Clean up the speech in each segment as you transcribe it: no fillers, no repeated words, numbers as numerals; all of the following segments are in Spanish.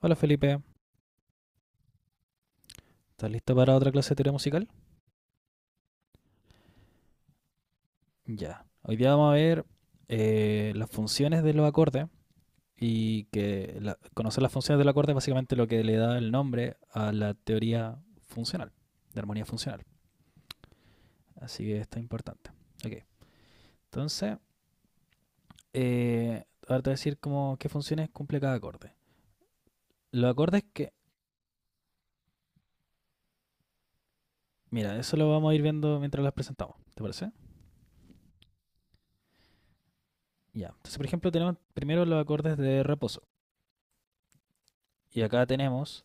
Hola Felipe, ¿estás listo para otra clase de teoría musical? Ya. Hoy día vamos a ver las funciones de los acordes y que conocer las funciones del acorde es básicamente lo que le da el nombre a la teoría funcional, de armonía funcional. Así que está importante. Ok, entonces, ahora te voy a decir cómo, qué funciones cumple cada acorde. Los acordes que... Mira, eso lo vamos a ir viendo mientras las presentamos, ¿te parece? Ya. Entonces, por ejemplo, tenemos primero los acordes de reposo. Y acá tenemos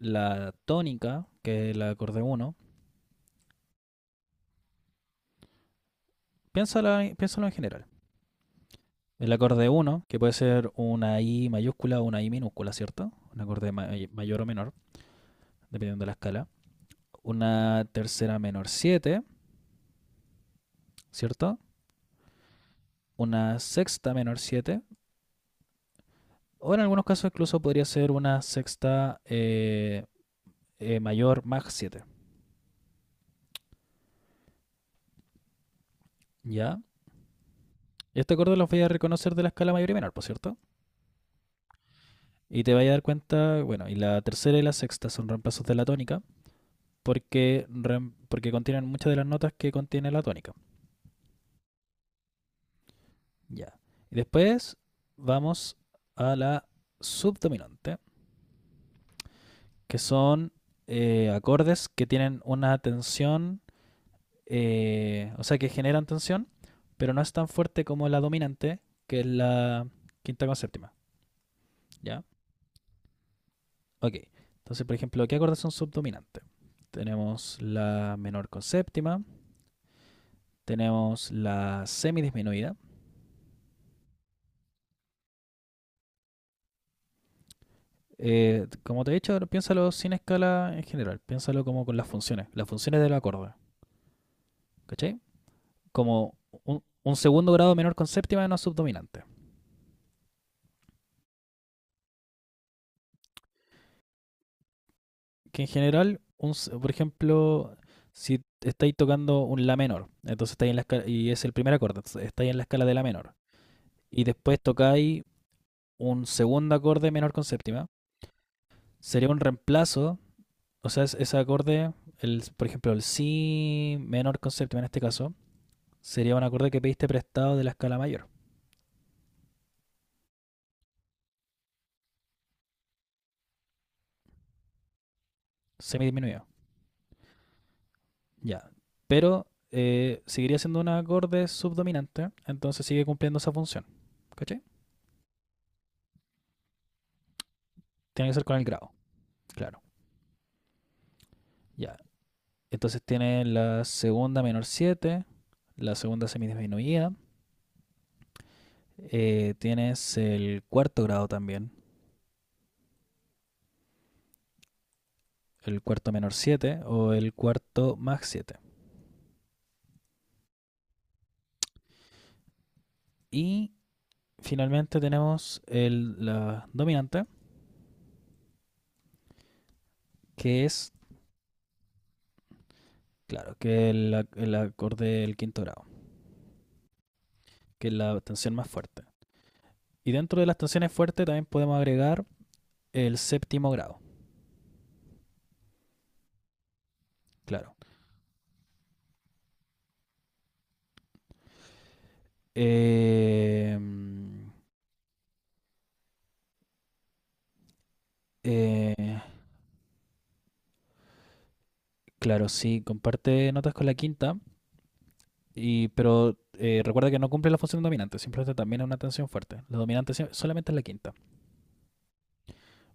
la tónica, que es el acorde uno. Piénsalo, piénsalo en general. El acorde uno que puede ser una I mayúscula o una I minúscula, ¿cierto? Un acorde mayor o menor, dependiendo de la escala. Una tercera menor siete, ¿cierto? Una sexta menor siete. O en algunos casos incluso podría ser una sexta mayor más siete. ¿Ya? Este acorde los voy a reconocer de la escala mayor y menor, por cierto. Y te vas a dar cuenta, bueno, y la tercera y la sexta son reemplazos de la tónica, porque, porque contienen muchas de las notas que contiene la tónica. Ya. Y después vamos a la subdominante, que son acordes que tienen una tensión, o sea, que generan tensión, pero no es tan fuerte como la dominante, que es la quinta con séptima. ¿Ya? Ok. Entonces, por ejemplo, ¿qué acordes son subdominantes? Tenemos la menor con séptima, tenemos la semidisminuida. Como te he dicho, piénsalo sin escala en general, piénsalo como con las funciones del acorde, ¿cachai? Como un segundo grado menor con séptima de una subdominante. Que en general, por ejemplo, si estáis tocando un la menor, entonces estáis en la escala, y es el primer acorde, entonces estáis en la escala de la menor, y después tocáis un segundo acorde menor con séptima, sería un reemplazo, o sea, ese acorde, el, por ejemplo, el si menor con séptima en este caso, sería un acorde que pediste prestado de la escala mayor, semidiminuido. Ya. Pero seguiría siendo un acorde subdominante, entonces sigue cumpliendo esa función. ¿Caché? Tiene que ser con el grado, claro. Ya. Entonces tiene la segunda menor siete, la segunda semidisminuida. Tienes el cuarto grado también, el cuarto menor siete o el cuarto más siete. Y finalmente tenemos el, la dominante, que es... Claro, que es el acorde del quinto grado, que es la tensión más fuerte. Y dentro de las tensiones fuertes también podemos agregar el séptimo grado, claro. Eh, mm, eh, claro, sí, comparte notas con la quinta, pero recuerda que no cumple la función dominante, simplemente también es una tensión fuerte. La dominante solamente es la quinta.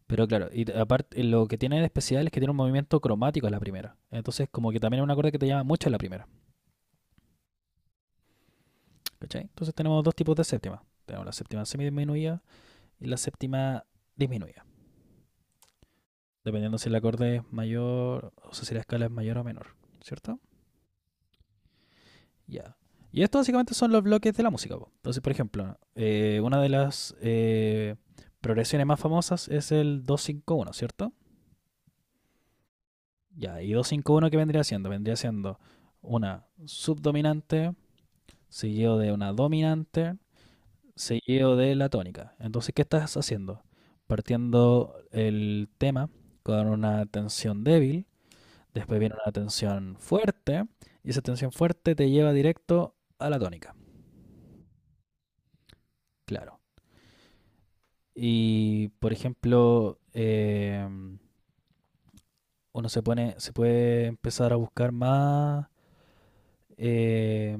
Pero claro, y aparte lo que tiene de especial es que tiene un movimiento cromático en la primera. Entonces como que también es un acorde que te llama mucho en la primera. ¿Cachai? Entonces tenemos dos tipos de séptima. Tenemos la séptima semidisminuida y la séptima disminuida. Dependiendo si el acorde es mayor, o sea, si la escala es mayor o menor, ¿cierto? Ya. Yeah. Y esto básicamente son los bloques de la música, po. Entonces, por ejemplo, una de las progresiones más famosas es el 2-5-1, ¿cierto? Ya, yeah. Y 2-5-1, ¿qué vendría siendo? Vendría siendo una subdominante, seguido de una dominante, seguido de la tónica. Entonces, ¿qué estás haciendo? Partiendo el tema con una tensión débil, después viene una tensión fuerte, y esa tensión fuerte te lleva directo a la tónica, claro. Y, por ejemplo, uno se pone, se puede empezar a buscar más eh,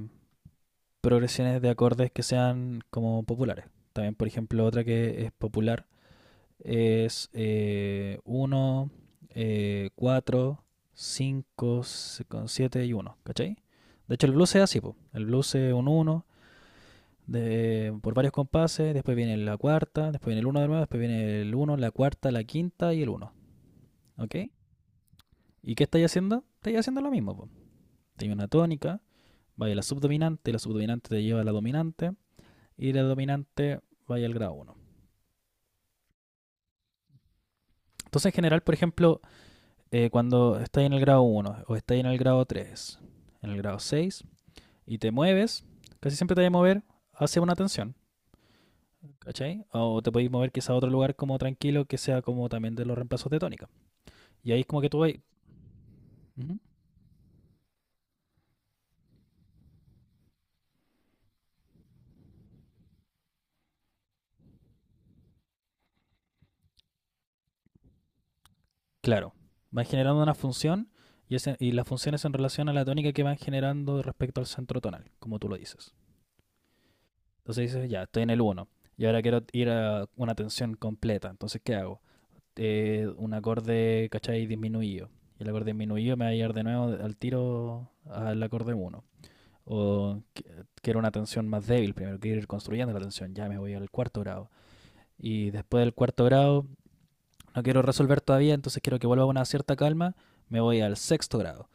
progresiones de acordes que sean como populares. También, por ejemplo, otra que es popular es 1, 4, 5, 7 y uno, ¿cachai? De hecho, el blues es así, po. El blues es un 1 por varios compases, después viene la cuarta, después viene el uno de nuevo, después viene el uno, la cuarta, la quinta y el uno, ¿ok? ¿Y qué estáis haciendo? Estáis haciendo lo mismo, po. Tenía una tónica, vaya la subdominante te lleva a la dominante y la dominante vaya al grado uno. Entonces, en general, por ejemplo, cuando estás en el grado uno o estás en el grado 3, en el grado 6 y te mueves, casi siempre te vas a mover hacia una tensión, ¿cachai? O te podéis mover quizá a otro lugar como tranquilo que sea como también de los reemplazos de tónica. Y ahí es como que tú vas. Ujú. Claro, vas generando una función y las funciones en relación a la tónica que van generando respecto al centro tonal, como tú lo dices. Entonces dices, ya, estoy en el uno y ahora quiero ir a una tensión completa, entonces ¿qué hago? Un acorde, ¿cachai? Disminuido. Y el acorde disminuido me va a llevar de nuevo al tiro al acorde uno. O quiero una tensión más débil primero, quiero ir construyendo la tensión, ya me voy al cuarto grado. Y después del cuarto grado, no quiero resolver todavía, entonces quiero que vuelva a una cierta calma, me voy al sexto grado.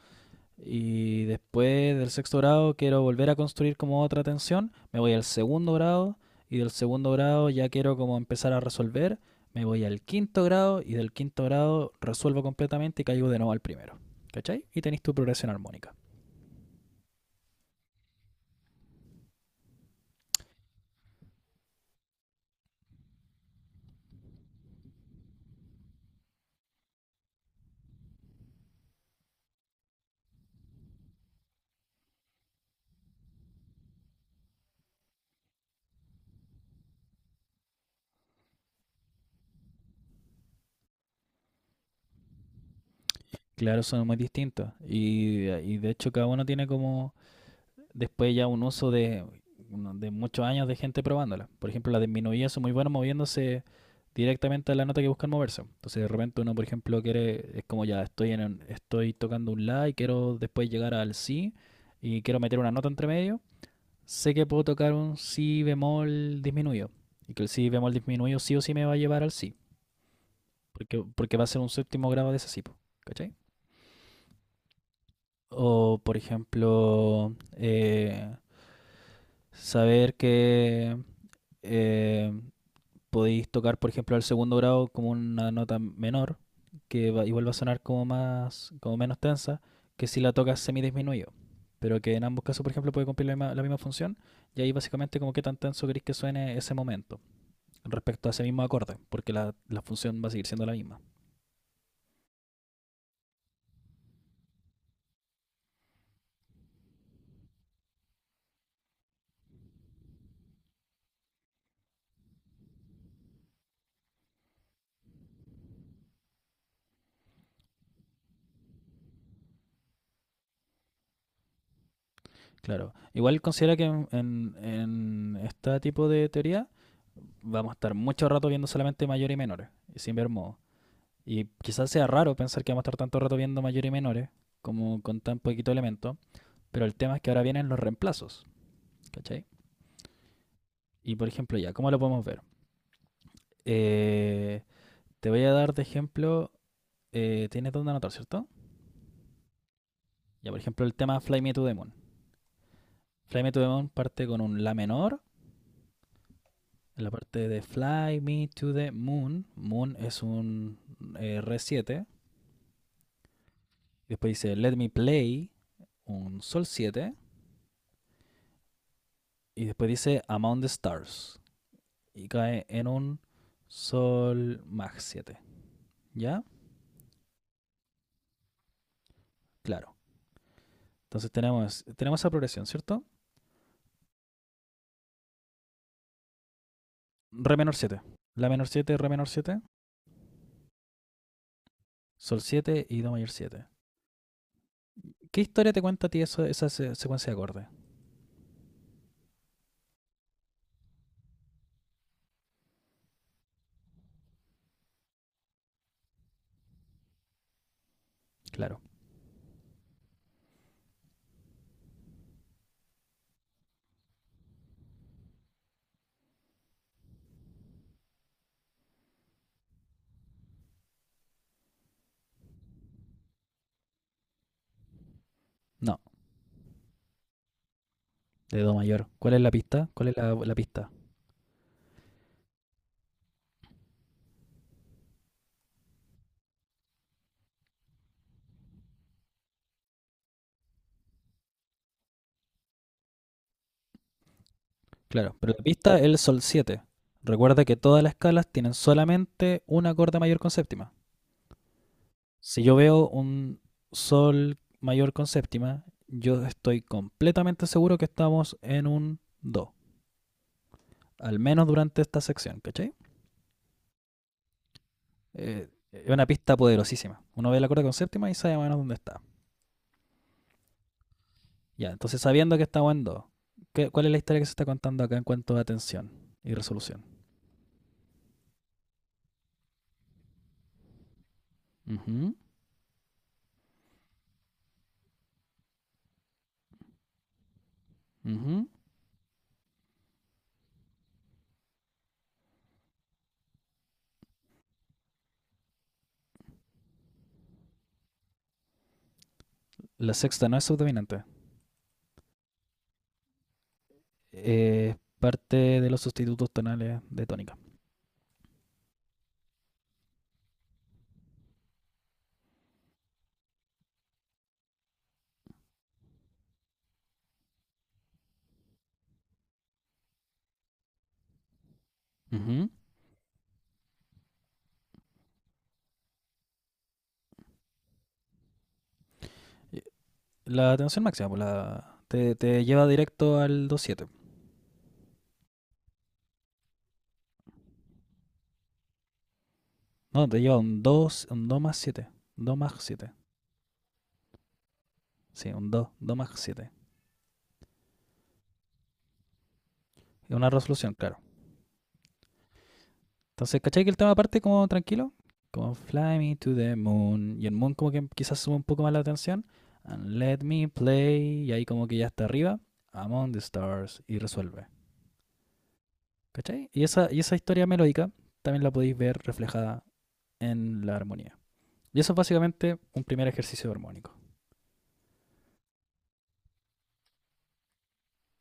Y después del sexto grado quiero volver a construir como otra tensión. Me voy al segundo grado y del segundo grado ya quiero como empezar a resolver. Me voy al quinto grado y del quinto grado resuelvo completamente y caigo de nuevo al primero. ¿Cachai? Y tenéis tu progresión armónica. Claro, son muy distintos. Y de hecho cada uno tiene como después ya un uso de, muchos años de gente probándola. Por ejemplo, las disminuidas son muy buenas moviéndose directamente a la nota que buscan moverse. Entonces de repente uno, por ejemplo, quiere, es como ya estoy en estoy tocando un la y quiero después llegar al si y quiero meter una nota entre medio. Sé que puedo tocar un si bemol disminuido y que el si bemol disminuido sí o sí me va a llevar al si, porque va a ser un séptimo grado de ese si, po, ¿cachai? O, por ejemplo, saber que eh, podéis tocar, por ejemplo, al segundo grado como una nota menor, que igual va a sonar como más, como menos tensa, que si la tocas semidisminuido. Pero que en ambos casos, por ejemplo, puede cumplir la misma función, y ahí básicamente como qué tan tenso queréis que suene ese momento respecto a ese mismo acorde, porque la función va a seguir siendo la misma. Claro. Igual considera que en este tipo de teoría vamos a estar mucho rato viendo solamente mayores y menores, y sin ver modo. Y quizás sea raro pensar que vamos a estar tanto rato viendo mayores y menores, como con tan poquito elemento, pero el tema es que ahora vienen los reemplazos, ¿cachai? Y por ejemplo, ya, ¿cómo lo podemos ver? Eh, Te voy a dar de ejemplo, tienes dónde anotar, ¿cierto? Ya, por ejemplo, el tema Fly Me to the Moon. Fly Me to the Moon parte con un La menor. En la parte de Fly Me to the Moon, Moon es un Re 7. Después dice Let Me Play, un Sol siete. Y después dice Among the Stars. Y cae en un Sol Mag siete. ¿Ya? Claro. Entonces tenemos, esa progresión, ¿cierto? Re menor siete, La menor siete, Re menor siete, Sol siete y Do mayor siete. ¿Qué historia te cuenta a ti eso, esa secuencia de acordes? Claro. No, de Do mayor. ¿Cuál es la pista? ¿Cuál es la pista? Claro, pero la pista es el sol 7. Recuerda que todas las escalas tienen solamente un acorde mayor con séptima. Si yo veo un sol mayor con séptima, yo estoy completamente seguro que estamos en un do, al menos durante esta sección, ¿cachai? Es una pista poderosísima. Uno ve el acorde con séptima y sabe más o menos dónde está. Ya, entonces sabiendo que estamos en do, ¿cuál es la historia que se está contando acá en cuanto a tensión y resolución? Ujú, ujú. La sexta no es subdominante. Parte de los sustitutos tonales de tónica. Ujú. La tensión máxima, pues te, lleva directo al 2-7. No, te lleva un 2, un 2 más 7. 2 más 7. Sí, un 2, 2 más 7. Es una resolución, claro. Entonces, ¿cachai que el tema parte como tranquilo? Como Fly Me to the Moon. Y el Moon como que quizás sube un poco más la tensión. And let me play. Y ahí como que ya está arriba. Among the Stars. Y resuelve. ¿Cachai? Y esa, historia melódica también la podéis ver reflejada en la armonía. Y eso es básicamente un primer ejercicio armónico.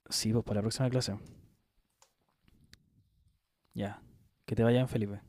Sí, pues para la próxima clase. Ya. Que te vaya bien, Felipe.